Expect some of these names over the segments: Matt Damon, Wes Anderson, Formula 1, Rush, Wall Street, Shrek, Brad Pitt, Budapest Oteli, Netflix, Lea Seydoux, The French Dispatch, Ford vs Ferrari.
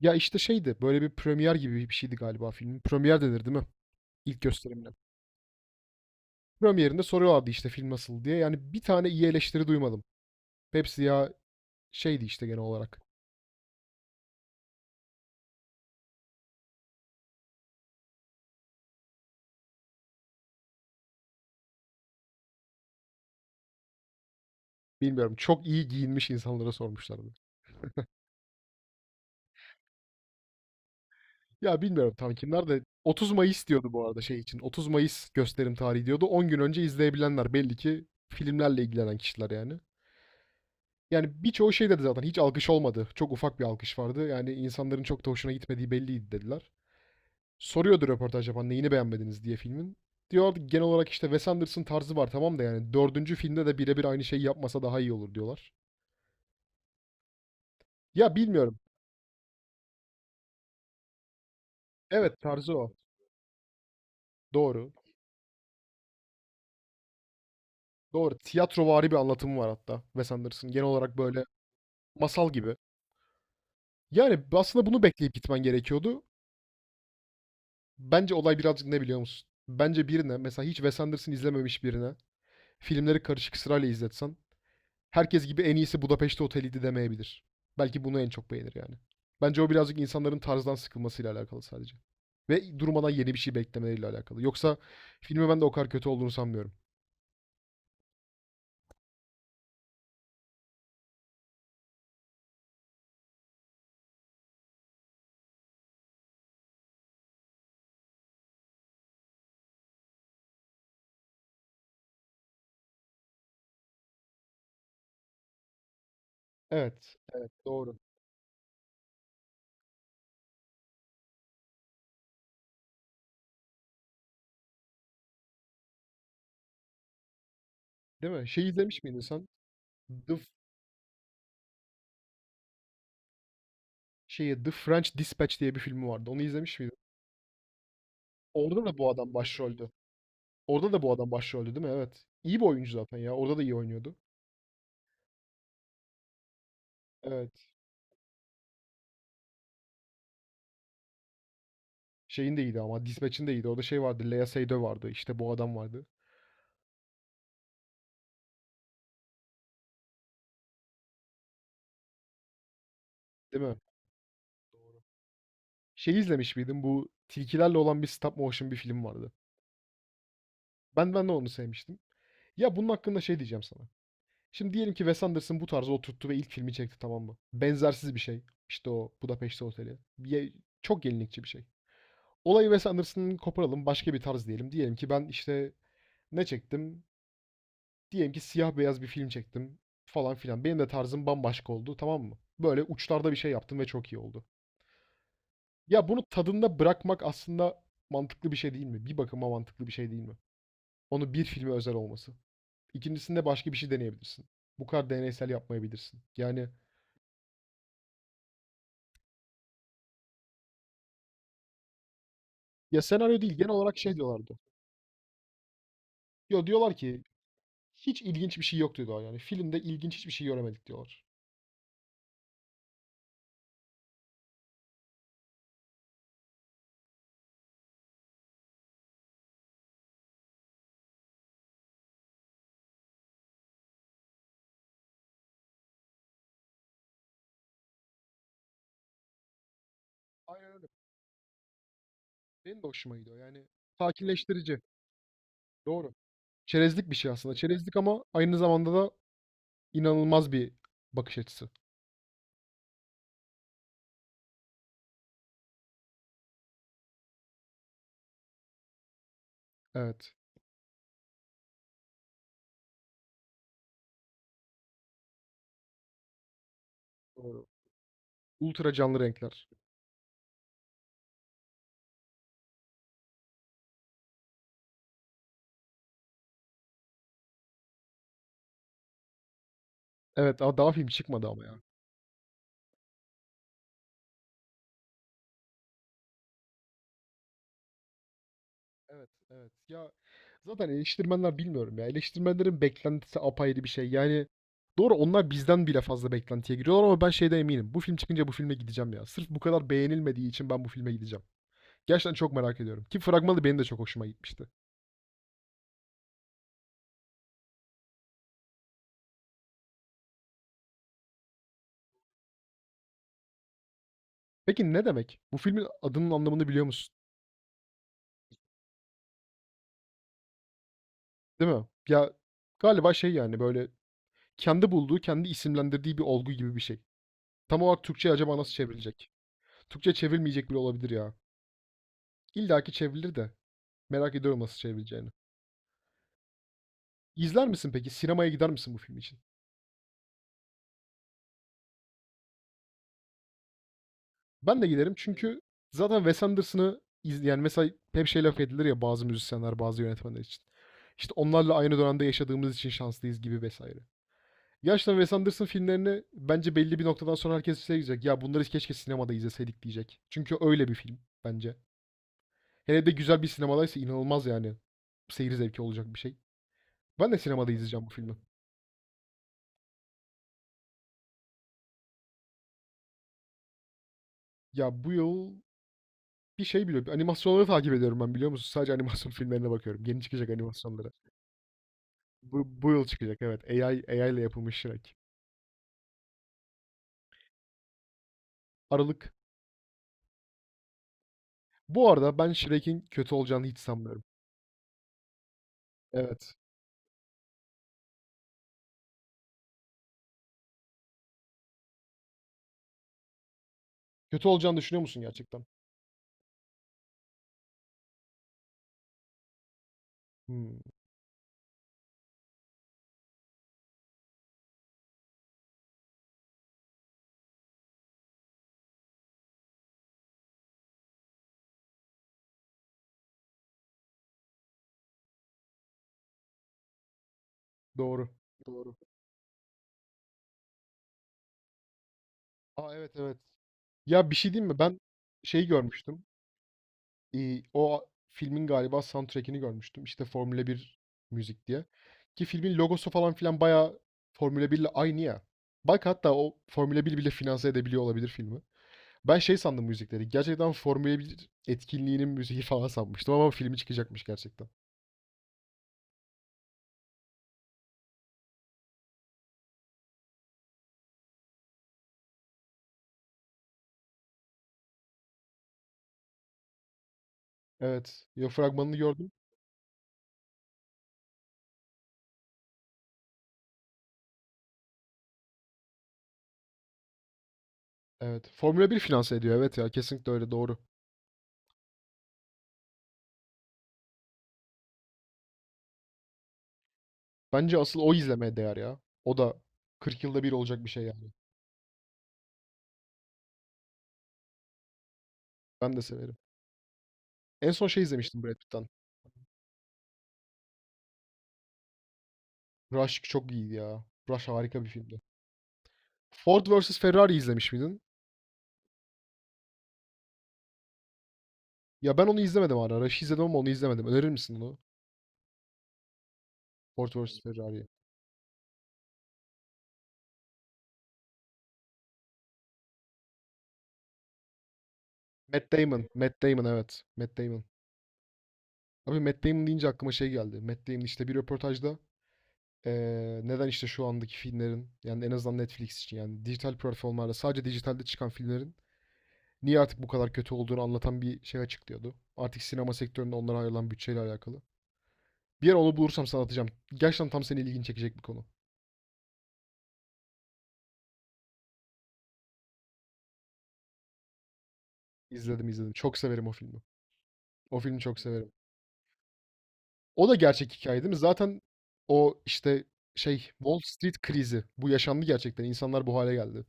Ya işte şeydi böyle bir premier gibi bir şeydi galiba filmin. Premier denir değil mi? İlk gösterimine. Premierinde soruyorlardı işte film nasıl diye. Yani bir tane iyi eleştiri duymadım. Hepsi ya şeydi işte genel olarak. Bilmiyorum, çok iyi giyinmiş insanlara sormuşlardı. Ya bilmiyorum tam kimler de 30 Mayıs diyordu bu arada şey için. 30 Mayıs gösterim tarihi diyordu. 10 gün önce izleyebilenler belli ki filmlerle ilgilenen kişiler yani. Yani birçoğu şey dedi, zaten hiç alkış olmadı. Çok ufak bir alkış vardı. Yani insanların çok da hoşuna gitmediği belliydi dediler. Soruyordu röportaj yapan neyini beğenmediniz diye filmin. Diyorlardı genel olarak işte Wes Anderson tarzı var tamam da yani dördüncü filmde de birebir aynı şeyi yapmasa daha iyi olur diyorlar. Ya bilmiyorum. Evet, tarzı o. Doğru. Doğru. Tiyatrovari bir anlatımı var hatta Wes Anderson. Genel olarak böyle masal gibi. Yani aslında bunu bekleyip gitmen gerekiyordu. Bence olay birazcık ne biliyor musun? Bence birine, mesela hiç Wes Anderson izlememiş birine filmleri karışık sırayla izletsen herkes gibi en iyisi Budapeşte Oteli'ydi demeyebilir. Belki bunu en çok beğenir yani. Bence o birazcık insanların tarzdan sıkılmasıyla alakalı sadece. Ve durmadan yeni bir şey beklemeleriyle alakalı. Yoksa filmi ben de o kadar kötü olduğunu sanmıyorum. Evet, evet, doğru. Değil mi? Şey izlemiş miydin sen? The F- şeyi, The French Dispatch diye bir filmi vardı. Onu izlemiş miydin? Orada da bu adam başroldü. Orada da bu adam başroldü değil mi? Evet. İyi bir oyuncu zaten ya. Orada da iyi oynuyordu. Evet. Şeyin de iyiydi ama. Dispatch'in de iyiydi. Orada şey vardı. Lea Seydoux vardı. İşte bu adam vardı. Değil mi? Şeyi izlemiş miydin? Bu tilkilerle olan bir stop motion bir film vardı. Ben de onu sevmiştim. Ya bunun hakkında şey diyeceğim sana. Şimdi diyelim ki Wes Anderson bu tarzı oturttu ve ilk filmi çekti, tamam mı? Benzersiz bir şey. İşte o Budapest Oteli. Çok yenilikçi bir şey. Olayı Wes Anderson'ın koparalım, başka bir tarz diyelim. Diyelim ki ben işte ne çektim? Diyelim ki siyah beyaz bir film çektim falan filan. Benim de tarzım bambaşka oldu, tamam mı? Böyle uçlarda bir şey yaptım ve çok iyi oldu. Ya bunu tadında bırakmak aslında mantıklı bir şey değil mi? Bir bakıma mantıklı bir şey değil mi? Onu bir filme özel olması. İkincisinde başka bir şey deneyebilirsin. Bu kadar deneysel yapmayabilirsin. Yani ya senaryo değil, genel olarak şey diyorlardı. Yo, diyorlar ki hiç ilginç bir şey yok diyorlar yani. Filmde ilginç hiçbir şey göremedik diyorlar. Aynen öyle. Benim de hoşuma gidiyor. Yani sakinleştirici. Doğru. Çerezlik bir şey aslında. Çerezlik ama aynı zamanda da inanılmaz bir bakış açısı. Evet. Doğru. Ultra canlı renkler. Evet, daha film çıkmadı ama ya. Evet, evet. Ya zaten eleştirmenler, bilmiyorum ya. Eleştirmenlerin beklentisi apayrı bir şey. Yani doğru, onlar bizden bile fazla beklentiye giriyorlar ama ben şeyde eminim. Bu film çıkınca bu filme gideceğim ya. Sırf bu kadar beğenilmediği için ben bu filme gideceğim. Gerçekten çok merak ediyorum. Ki fragmanı benim de çok hoşuma gitmişti. Peki ne demek? Bu filmin adının anlamını biliyor musun? Değil mi? Ya galiba şey, yani böyle kendi bulduğu, kendi isimlendirdiği bir olgu gibi bir şey. Tam olarak Türkçe'ye acaba nasıl çevrilecek? Türkçe çevrilmeyecek bile olabilir ya. İlla ki çevrilir de merak ediyorum nasıl çevrileceğini. İzler misin peki? Sinemaya gider misin bu film için? Ben de giderim çünkü zaten Wes Anderson'ı izleyen, yani mesela hep şey laf edilir ya bazı müzisyenler, bazı yönetmenler için. İşte onlarla aynı dönemde yaşadığımız için şanslıyız gibi vesaire. Gerçekten Wes Anderson filmlerini bence belli bir noktadan sonra herkes şey diyecek. Ya bunları keşke sinemada izleseydik diyecek. Çünkü öyle bir film bence. Hele de güzel bir sinemadaysa inanılmaz yani. Seyir zevki olacak bir şey. Ben de sinemada izleyeceğim bu filmi. Ya bu yıl bir şey biliyorum. Animasyonları takip ediyorum ben, biliyor musun? Sadece animasyon filmlerine bakıyorum. Yeni çıkacak animasyonlara. Bu yıl çıkacak, evet. AI ile yapılmış Shrek. Aralık. Bu arada ben Shrek'in kötü olacağını hiç sanmıyorum. Evet. Kötü olacağını düşünüyor musun gerçekten? Hmm, doğru. Doğru. Aa, evet, evet. Ya bir şey diyeyim mi? Ben şey görmüştüm. O filmin galiba soundtrack'ini görmüştüm. İşte Formula bir müzik diye, ki filmin logosu falan filan bayağı Formula 1'le aynı ya. Bak hatta o Formula bir bile finanse edebiliyor olabilir filmi. Ben şey sandım müzikleri, gerçekten Formula bir etkinliğinin müziği falan sanmıştım ama filmi çıkacakmış gerçekten. Evet, ya fragmanını gördüm. Evet, Formula bir finanse ediyor, evet ya, kesinlikle öyle, doğru. Bence asıl o izlemeye değer ya. O da 40 yılda bir olacak bir şey yani. Ben de severim. En son şey izlemiştim Brad Pitt'ten. Rush çok iyiydi ya. Rush harika bir filmdi. Ford vs Ferrari izlemiş miydin? Ya ben onu izlemedim hala. Rush'ı izledim ama onu izlemedim. Önerir misin onu? Ford vs Ferrari'yi. Matt Damon. Matt Damon, evet. Matt Damon. Abi Matt Damon deyince aklıma şey geldi. Matt Damon işte bir röportajda neden işte şu andaki filmlerin, yani en azından Netflix için, yani dijital platformlarda sadece dijitalde çıkan filmlerin niye artık bu kadar kötü olduğunu anlatan bir şey açıklıyordu. Artık sinema sektöründe onlara ayrılan bütçeyle alakalı. Bir yer onu bulursam sana atacağım. Gerçekten tam seni ilgini çekecek bir konu. İzledim, izledim. Çok severim o filmi. O filmi çok severim. O da gerçek hikâye değil mi? Zaten o, işte, şey, Wall Street krizi. Bu yaşandı gerçekten. İnsanlar bu hale geldi.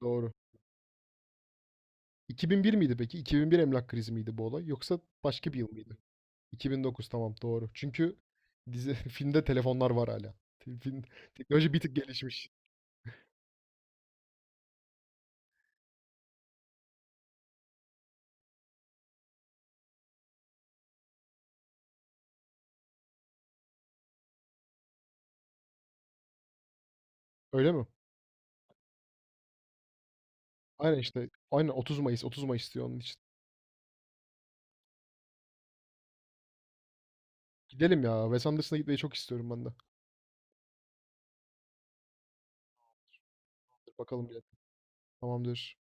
Doğru. 2001 miydi peki? 2001 emlak krizi miydi bu olay yoksa başka bir yıl mıydı? 2009, tamam, doğru. Çünkü dizi filmde telefonlar var hala. film Teknoloji bir tık gelişmiş. Öyle mi? Aynen işte. Aynen 30 Mayıs. 30 Mayıs diyor onun için. Gidelim ya. Wes Anderson'a gitmeyi çok istiyorum ben de. Bakalım bir. Tamamdır.